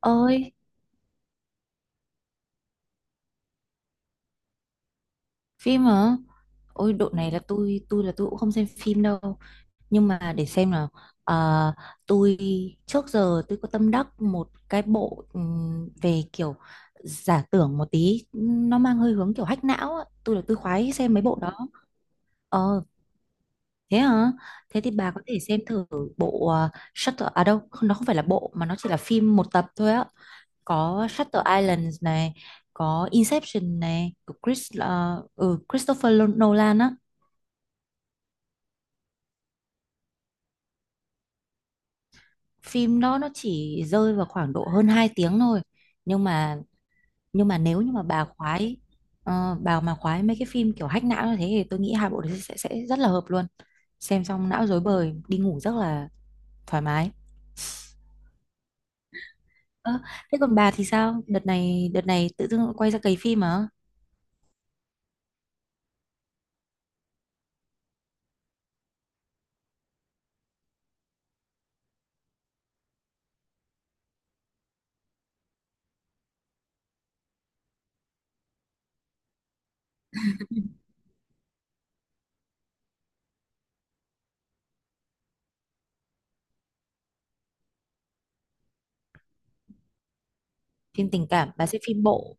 Ơi, phim hả? Ôi độ này là tôi cũng không xem phim đâu, nhưng mà để xem nào. Ờ, tôi trước giờ tôi có tâm đắc một cái bộ, về kiểu giả tưởng một tí, nó mang hơi hướng kiểu hack não á. Tôi là tôi khoái xem mấy bộ đó. Ờ, thế hả? Thế thì bà có thể xem thử bộ Shutter à đâu không, nó không phải là bộ mà nó chỉ là phim một tập thôi á. Có Shutter Island này, có Inception này của Christopher Nolan á. Phim đó nó chỉ rơi vào khoảng độ hơn 2 tiếng thôi. Nhưng mà, nếu như mà bà khoái, bà mà khoái mấy cái phim kiểu hack não như thế thì tôi nghĩ hai bộ đấy sẽ rất là hợp luôn. Xem xong não rối bời, đi ngủ rất là thoải mái. Ơ, thế còn bà thì sao, đợt này tự dưng quay ra cày phim à? Phim tình cảm bà xem phim bộ,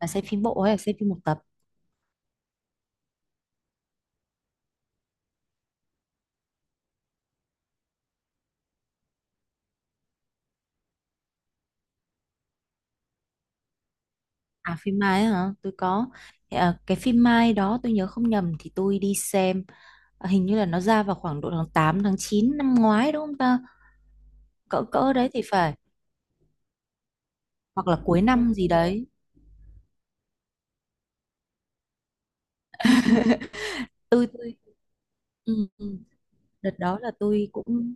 hay là xem phim một tập? À phim Mai ấy hả? Tôi có. Thì, à, cái phim Mai đó tôi nhớ không nhầm thì tôi đi xem, à, hình như là nó ra vào khoảng độ tháng 8 tháng 9 năm ngoái đúng không ta? Cỡ cỡ đấy thì phải. Hoặc là cuối năm gì đấy. Tôi ừ, ừ. Đợt đó là tôi cũng,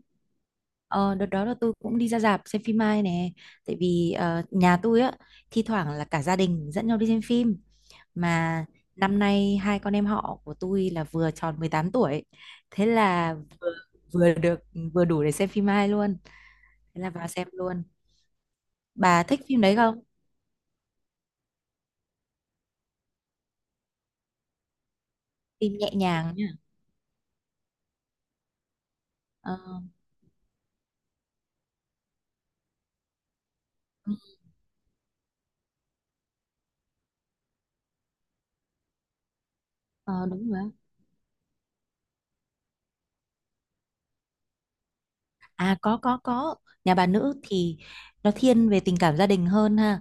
ờ, đợt đó là tôi cũng đi ra rạp xem phim Mai nè. Tại vì nhà tôi á, thi thoảng là cả gia đình dẫn nhau đi xem phim, mà năm nay hai con em họ của tôi là vừa tròn 18 tuổi. Thế là vừa, vừa được vừa đủ để xem phim hai luôn, thế là vào xem luôn. Bà thích phim đấy không? Phim nhẹ nhàng nhá. Ờ, ừ, ờ, đúng rồi. À, có có. Nhà bà nữ thì nó thiên về tình cảm gia đình hơn ha.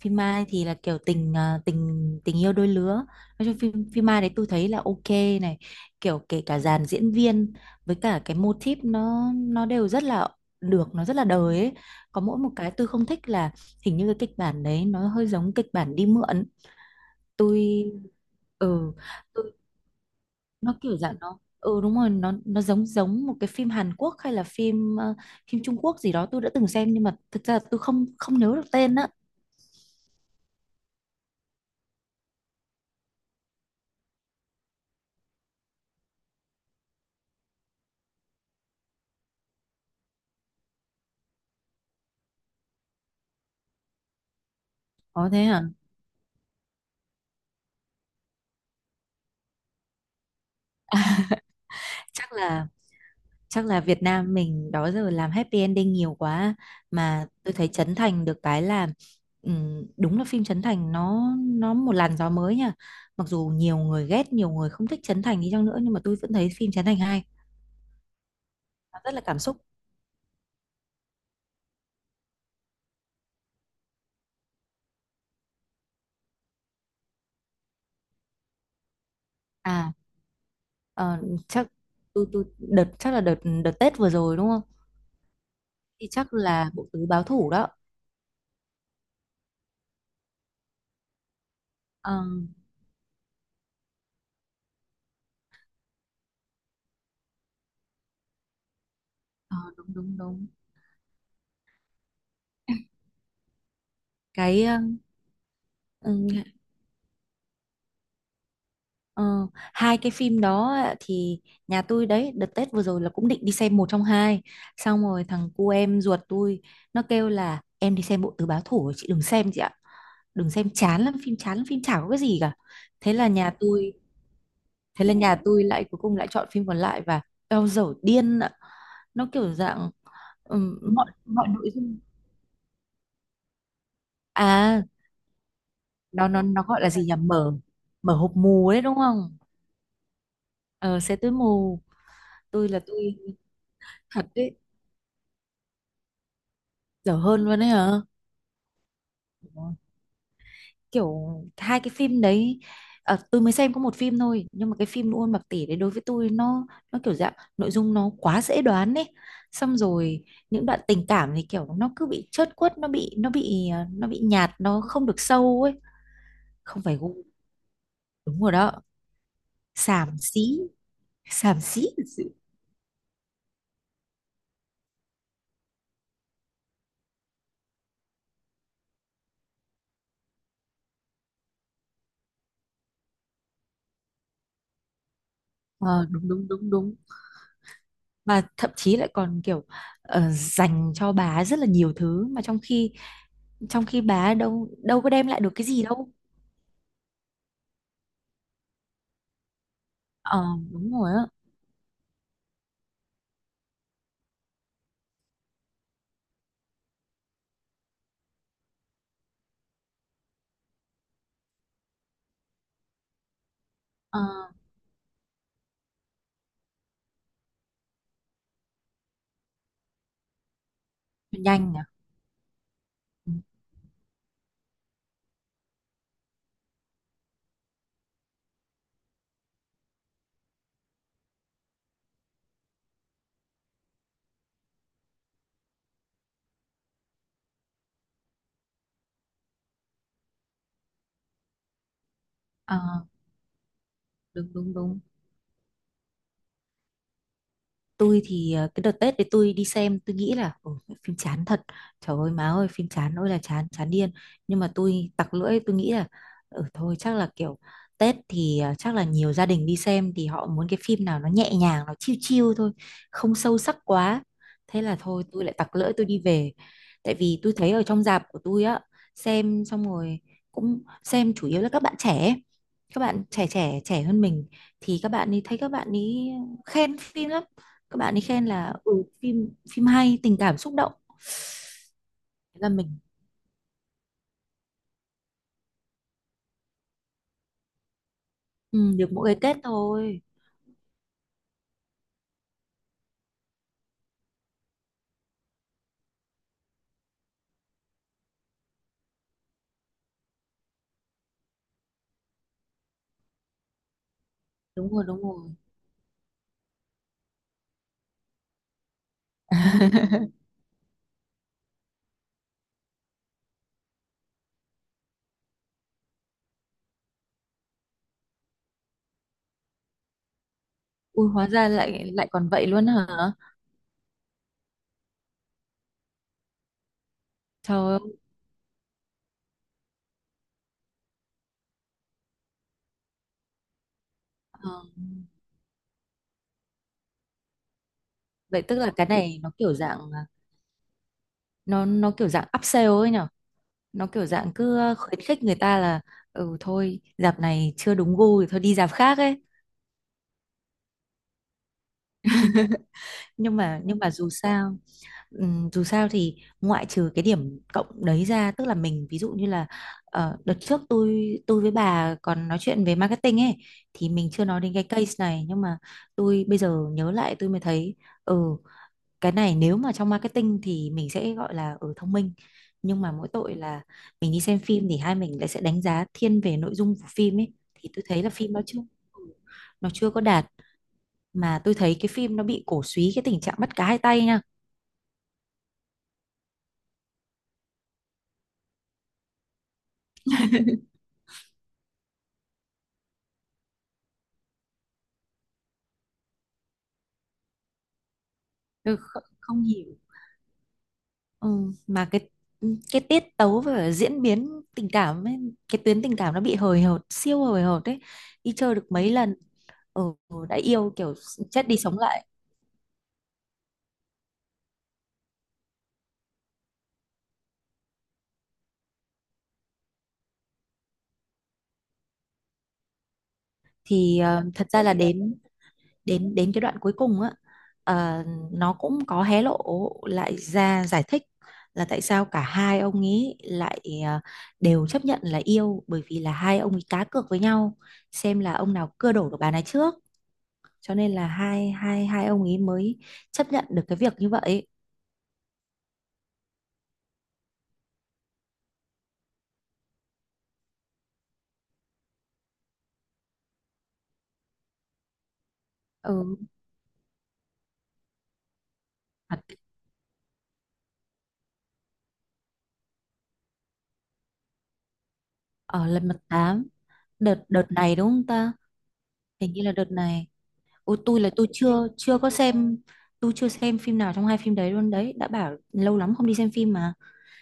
Phim Mai thì là kiểu tình à, tình tình yêu đôi lứa. Nói chung phim phim Mai đấy tôi thấy là ok này, kiểu kể cả dàn diễn viên với cả cái mô típ nó đều rất là được, nó rất là đời ấy. Có mỗi một cái tôi không thích là hình như cái kịch bản đấy nó hơi giống kịch bản đi mượn. tôi ừ tôi, nó kiểu dạng nó, ừ đúng rồi, nó giống giống một cái phim Hàn Quốc hay là phim phim Trung Quốc gì đó tôi đã từng xem, nhưng mà thực ra là tôi không không nhớ được tên á. Có thế à? Chắc là, chắc là Việt Nam mình đó giờ làm happy ending nhiều quá, mà tôi thấy Trấn Thành được cái là đúng là phim Trấn Thành nó một làn gió mới nha. Mặc dù nhiều người ghét, nhiều người không thích Trấn Thành đi chăng nữa nhưng mà tôi vẫn thấy phim Trấn Thành hay, nó rất là cảm xúc. À, ờ, chắc tôi đợt, chắc là đợt, đợt Tết vừa rồi đúng không? Thì chắc là bộ tứ báo thủ đó. Ờ, ờ, đúng đúng đúng. Cái, uh, ờ, hai cái phim đó á, thì nhà tôi đấy đợt Tết vừa rồi là cũng định đi xem một trong hai, xong rồi thằng cu em ruột tôi nó kêu là em đi xem bộ tứ báo thủ rồi, chị đừng xem chị ạ. Đừng xem chán lắm phim, chán lắm phim chả có cái gì cả. Thế là nhà tôi, thế là nhà tôi lại cuối cùng lại chọn phim còn lại và eo dở điên ạ. Nó kiểu dạng, mọi mọi nội dung. À nó nó gọi là gì nhỉ, mở, hộp mù đấy đúng không? Ờ xe tối mù. Tôi là tôi thật đấy. Dở hơn luôn đấy hả? Kiểu hai cái phim đấy, à, tôi mới xem có một phim thôi, nhưng mà cái phim Luôn Bạc Tỷ đấy đối với tôi nó kiểu dạng nội dung nó quá dễ đoán ấy. Xong rồi những đoạn tình cảm thì kiểu nó cứ bị chớt quất, nó bị nhạt, nó không được sâu ấy. Không phải gu, đúng rồi đó, xàm xí, xàm xí thật sự. Ờ, đúng đúng đúng đúng, mà thậm chí lại còn kiểu dành cho bà ấy rất là nhiều thứ mà trong khi, trong khi bà ấy đâu đâu có đem lại được cái gì đâu. Ờ, đúng rồi. Ờ, nhanh nhỉ? Ừ. Ờ, đúng đúng đúng. Tôi thì cái đợt Tết thì tôi đi xem tôi nghĩ là "Ồ, phim chán thật, trời ơi má ơi phim chán ôi là chán, chán điên." Nhưng mà tôi tặc lưỡi tôi nghĩ là ừ thôi chắc là kiểu Tết thì, chắc là nhiều gia đình đi xem thì họ muốn cái phim nào nó nhẹ nhàng nó chill chill thôi, không sâu sắc quá, thế là thôi tôi lại tặc lưỡi tôi đi về. Tại vì tôi thấy ở trong rạp của tôi á, xem xong rồi cũng xem chủ yếu là các bạn trẻ ấy. Các bạn trẻ, trẻ hơn mình, thì các bạn ấy thấy các bạn ấy khen phim lắm, các bạn ấy khen là ừ, phim phim hay tình cảm xúc động, thế là mình ừ, được mỗi cái kết thôi. Đúng rồi đúng rồi. Ui hóa ra lại lại còn vậy luôn hả? Trời ơi, ờ, vậy tức là cái này nó kiểu dạng à, nó kiểu dạng upsell ấy nhở, nó kiểu dạng cứ khuyến khích người ta là ừ thôi dạp này chưa đúng gu thì thôi đi dạp khác ấy. Nhưng mà, dù sao, dù sao thì ngoại trừ cái điểm cộng đấy ra, tức là mình ví dụ như là đợt trước tôi với bà còn nói chuyện về marketing ấy, thì mình chưa nói đến cái case này nhưng mà tôi bây giờ nhớ lại tôi mới thấy, ừ, cái này nếu mà trong marketing thì mình sẽ gọi là ở thông minh. Nhưng mà mỗi tội là mình đi xem phim thì hai mình lại sẽ đánh giá thiên về nội dung của phim ấy, thì tôi thấy là phim nó chưa, ừ, nó chưa có đạt. Mà tôi thấy cái phim nó bị cổ súy cái tình trạng bắt cá hai tay nha. Tôi không hiểu. Ừ, mà cái, ừ, cái tiết tấu và diễn biến tình cảm ấy, cái tuyến tình cảm nó bị hời hợt siêu hời hợt đấy. Đi chơi được mấy lần, ừ, đã yêu kiểu chết đi sống lại. Thì thật ra là đến, đến cái đoạn cuối cùng á, ờ, nó cũng có hé lộ lại ra giải thích là tại sao cả hai ông ấy lại đều chấp nhận là yêu, bởi vì là hai ông ấy cá cược với nhau xem là ông nào cưa đổ được bà này trước, cho nên là hai hai hai ông ấy mới chấp nhận được cái việc như vậy. Ừ thật. Ở lần mật tám, đợt đợt này đúng không ta, hình như là đợt này. Ôi tôi là tôi chưa chưa có xem. Tôi chưa xem phim nào trong hai phim đấy luôn đấy, đã bảo lâu lắm không đi xem phim mà.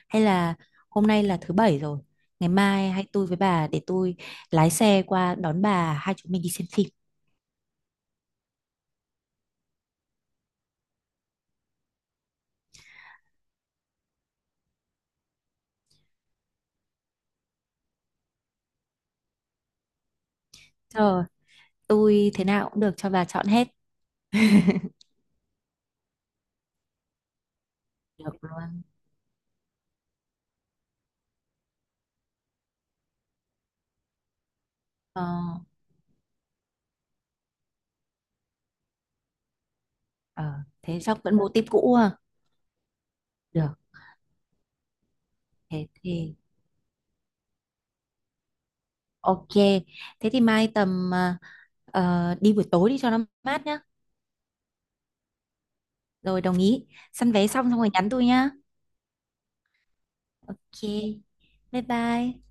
Hay là, hôm nay là thứ bảy rồi, ngày mai hay tôi với bà, để tôi lái xe qua đón bà hai chúng mình đi xem phim. Ờ, tôi thế nào cũng được, cho bà chọn hết. Được luôn. Ờ, ờ thế chắc vẫn mô típ cũ à. Được. Thế thì ok. Thế thì mai tầm à, ờ, đi buổi tối đi cho nó mát nhá. Rồi đồng ý. Săn vé xong xong rồi nhắn tôi nhá. Ok. Bye bye.